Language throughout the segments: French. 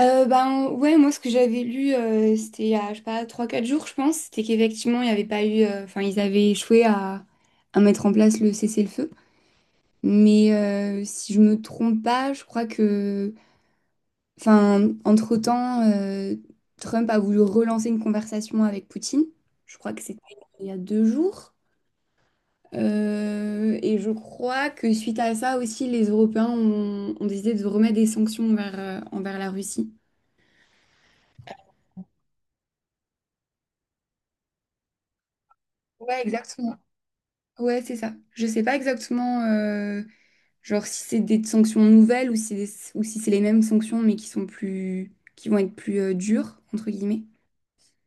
Ben ouais, moi ce que j'avais lu, c'était il y a, je sais pas, trois quatre jours, je pense, c'était qu'effectivement, il n'y avait pas eu, enfin, ils avaient échoué à, mettre en place le cessez-le-feu. Mais si je me trompe pas, je crois que, enfin, entre-temps, Trump a voulu relancer une conversation avec Poutine. Je crois que c'était il y a 2 jours. Et je crois que suite à ça aussi, les Européens ont décidé de remettre des sanctions envers la Russie. Ouais, exactement. Ouais, c'est ça. Je sais pas exactement, genre si c'est des sanctions nouvelles ou si, ou si c'est les mêmes sanctions mais qui vont être plus dures entre guillemets.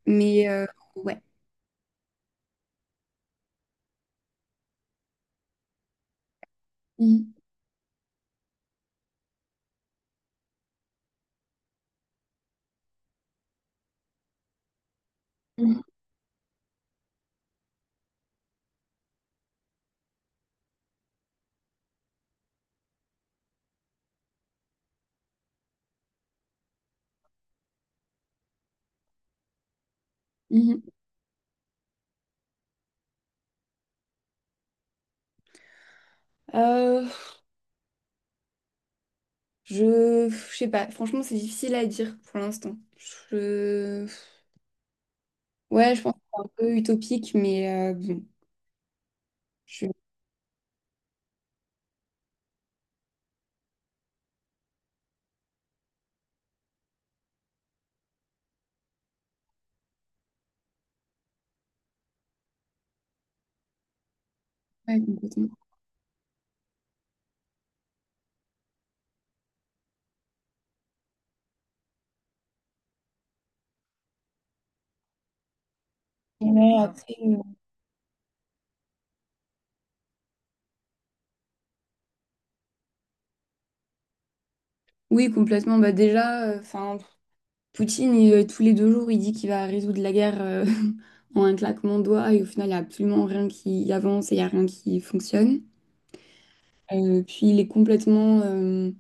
Mais ouais. Mhm. Mhm. Mhm. Euh, je sais pas. Franchement, c'est difficile à dire pour l'instant. Je, ouais, je pense que c'est un peu utopique, mais bon, je. Ouais, complètement. Ouais, après. Oui, complètement. Bah déjà, enfin. Poutine, il, tous les 2 jours, il dit qu'il va résoudre la guerre en un claquement de doigts et au final, il n'y a absolument rien qui avance et il n'y a rien qui fonctionne. Puis il est complètement.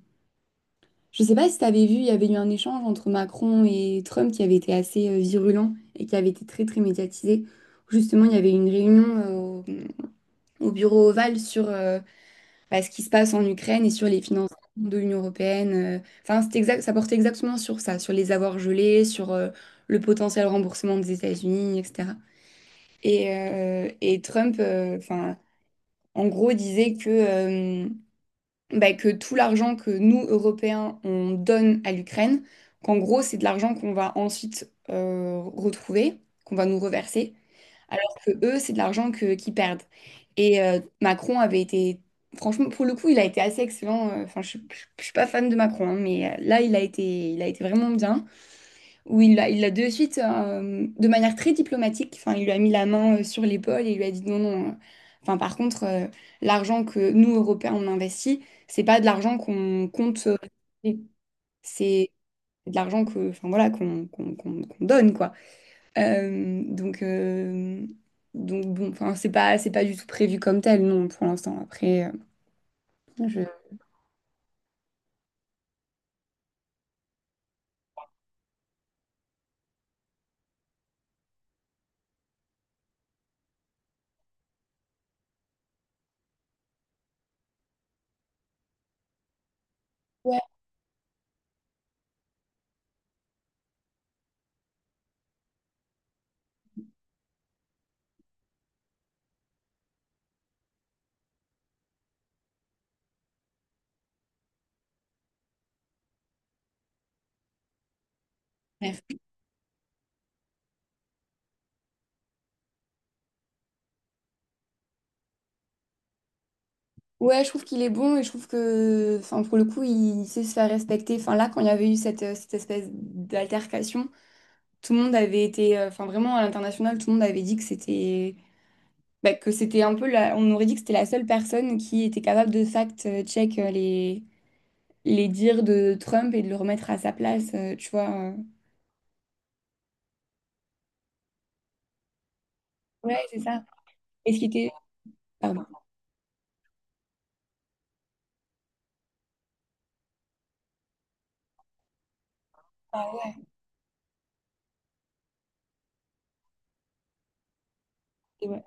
Je ne sais pas si tu avais vu, il y avait eu un échange entre Macron et Trump qui avait été assez virulent et qui avait été très très médiatisé. Justement, il y avait une réunion au bureau Oval sur, bah, ce qui se passe en Ukraine et sur les financements de l'Union européenne. Enfin, c'est exact, ça portait exactement sur ça, sur les avoirs gelés, sur le potentiel remboursement des États-Unis, etc. Et Trump, enfin, en gros, disait que, bah, que tout l'argent que nous, Européens, on donne à l'Ukraine, qu'en gros, c'est de l'argent qu'on va ensuite retrouver, qu'on va nous reverser alors que eux, c'est de l'argent qu'ils perdent. Et Macron avait été, franchement, pour le coup, il a été assez excellent. Enfin, je suis pas fan de Macron, hein, mais là, il a été vraiment bien. Où il a de suite, de manière très diplomatique, enfin, il lui a mis la main sur l'épaule et il lui a dit non, non. Enfin, par contre, l'argent que nous, Européens, on investit, c'est pas de l'argent qu'on compte, c'est de l'argent que, enfin voilà, qu'on donne, quoi. Euh, donc, euh, donc bon, enfin, c'est pas du tout prévu comme tel, non, pour l'instant. Après, je... Ouais, bref. Ouais, je trouve qu'il est bon et je trouve que, enfin, pour le coup, il sait se faire respecter. Enfin, là, quand il y avait eu cette espèce d'altercation, tout le monde avait été, enfin, vraiment à l'international, tout le monde avait dit que c'était, bah, que c'était un peu on aurait dit que c'était la seule personne qui était capable de fact-check les dires de Trump et de le remettre à sa place, tu vois. Ouais, c'est ça. Et ce qui était. Pardon. Ah ouais. Et ouais.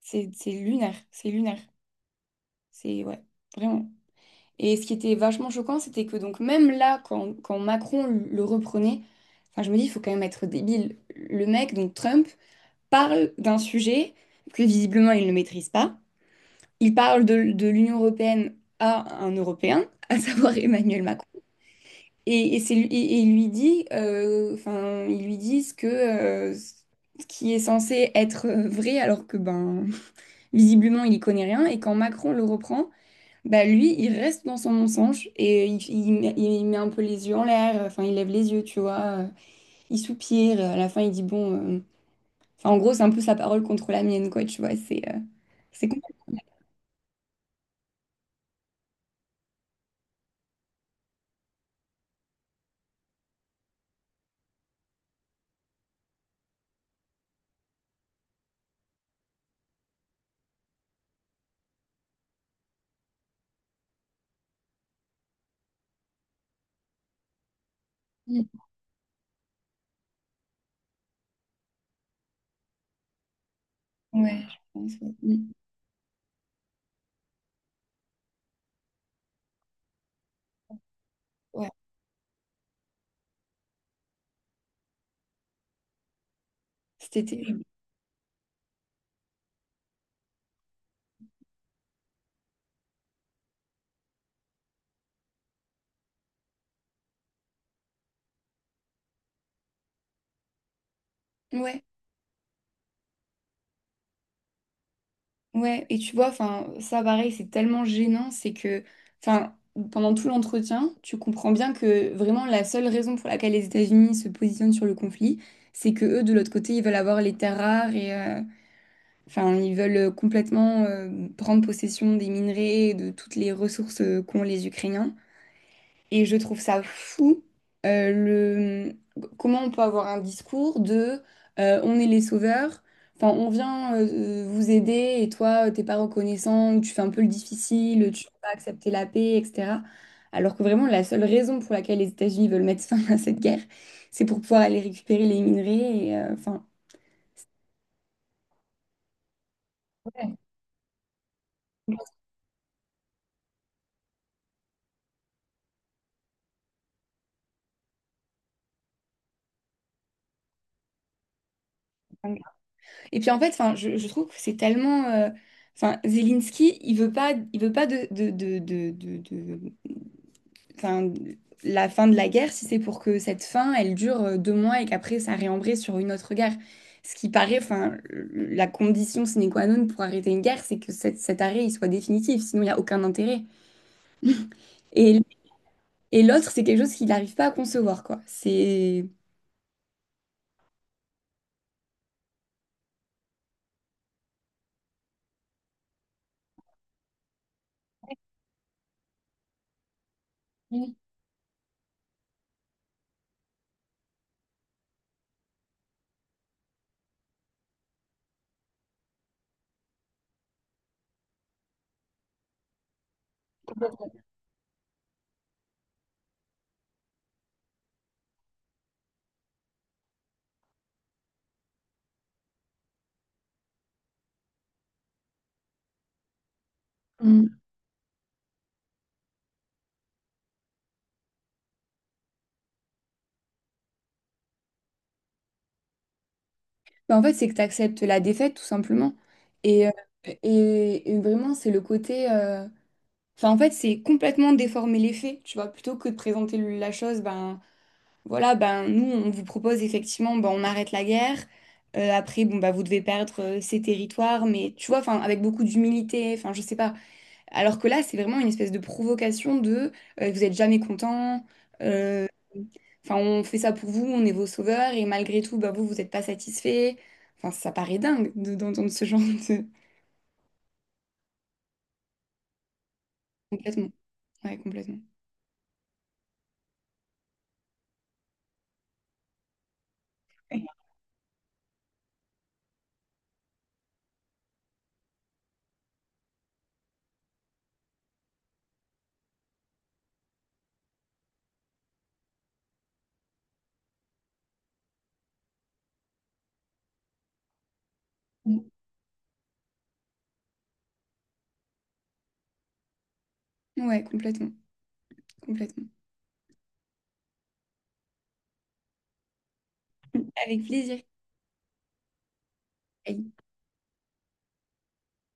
C'est lunaire, c'est lunaire. C'est ouais, vraiment. Et ce qui était vachement choquant, c'était que donc même là, quand Macron le reprenait, enfin je me dis, il faut quand même être débile. Le mec, donc Trump, parle d'un sujet que visiblement il ne maîtrise pas. Il parle de l'Union européenne à un Européen, à savoir Emmanuel Macron. Et il lui dit, enfin, ils lui disent que ce qui est censé être vrai, alors que ben. Visiblement, il y connaît rien. Et quand Macron le reprend, bah lui, il reste dans son mensonge et il met un peu les yeux en l'air. Enfin, il lève les yeux, tu vois. Il soupire. À la fin, il dit bon. Enfin, en gros, c'est un peu sa parole contre la mienne, quoi. Tu vois, c'est compliqué. Ouais, je pense. Ouais. Mm. Ouais. C'était terrible. Ouais. Ouais, et tu vois, enfin, ça pareil, c'est tellement gênant, c'est que, enfin, pendant tout l'entretien, tu comprends bien que vraiment la seule raison pour laquelle les États-Unis se positionnent sur le conflit, c'est que eux, de l'autre côté, ils veulent avoir les terres rares et, enfin, ils veulent complètement prendre possession des minerais, et de toutes les ressources qu'ont les Ukrainiens. Et je trouve ça fou, euh, le... comment on peut avoir un discours de on est les sauveurs, enfin on vient vous aider et toi t'es pas reconnaissant, ou tu fais un peu le difficile, tu veux pas accepter la paix, etc. Alors que vraiment la seule raison pour laquelle les États-Unis veulent mettre fin à cette guerre, c'est pour pouvoir aller récupérer les minerais et enfin. Ouais. Et puis en fait, enfin, je trouve que c'est tellement, enfin, Zelensky, il veut pas enfin, la fin de la guerre si c'est pour que cette fin, elle dure 2 mois et qu'après ça réembraye sur une autre guerre. Ce qui paraît, enfin, la condition sine qua non pour arrêter une guerre, c'est que cet arrêt il soit définitif, sinon il n'y a aucun intérêt. Et, et l'autre, c'est quelque chose qu'il n'arrive pas à concevoir, quoi. C'est. Mm. Ben, en fait, c'est que tu acceptes la défaite, tout simplement. Et, euh, et vraiment, c'est le côté. Enfin, en fait, c'est complètement déformer les faits, tu vois, plutôt que de présenter la chose, ben voilà, ben, nous, on vous propose effectivement, ben, on arrête la guerre. Après, bon, bah, vous devez perdre ces territoires, mais tu vois, enfin, avec beaucoup d'humilité, enfin, je sais pas. Alors que là, c'est vraiment une espèce de provocation de vous êtes jamais content, euh, enfin, on fait ça pour vous, on est vos sauveurs, et malgré tout, bah, vous, vous n'êtes pas satisfait. Enfin, ça paraît dingue d'entendre ce genre de. Complètement, ouais, complètement. Ouais, complètement, complètement. Avec plaisir.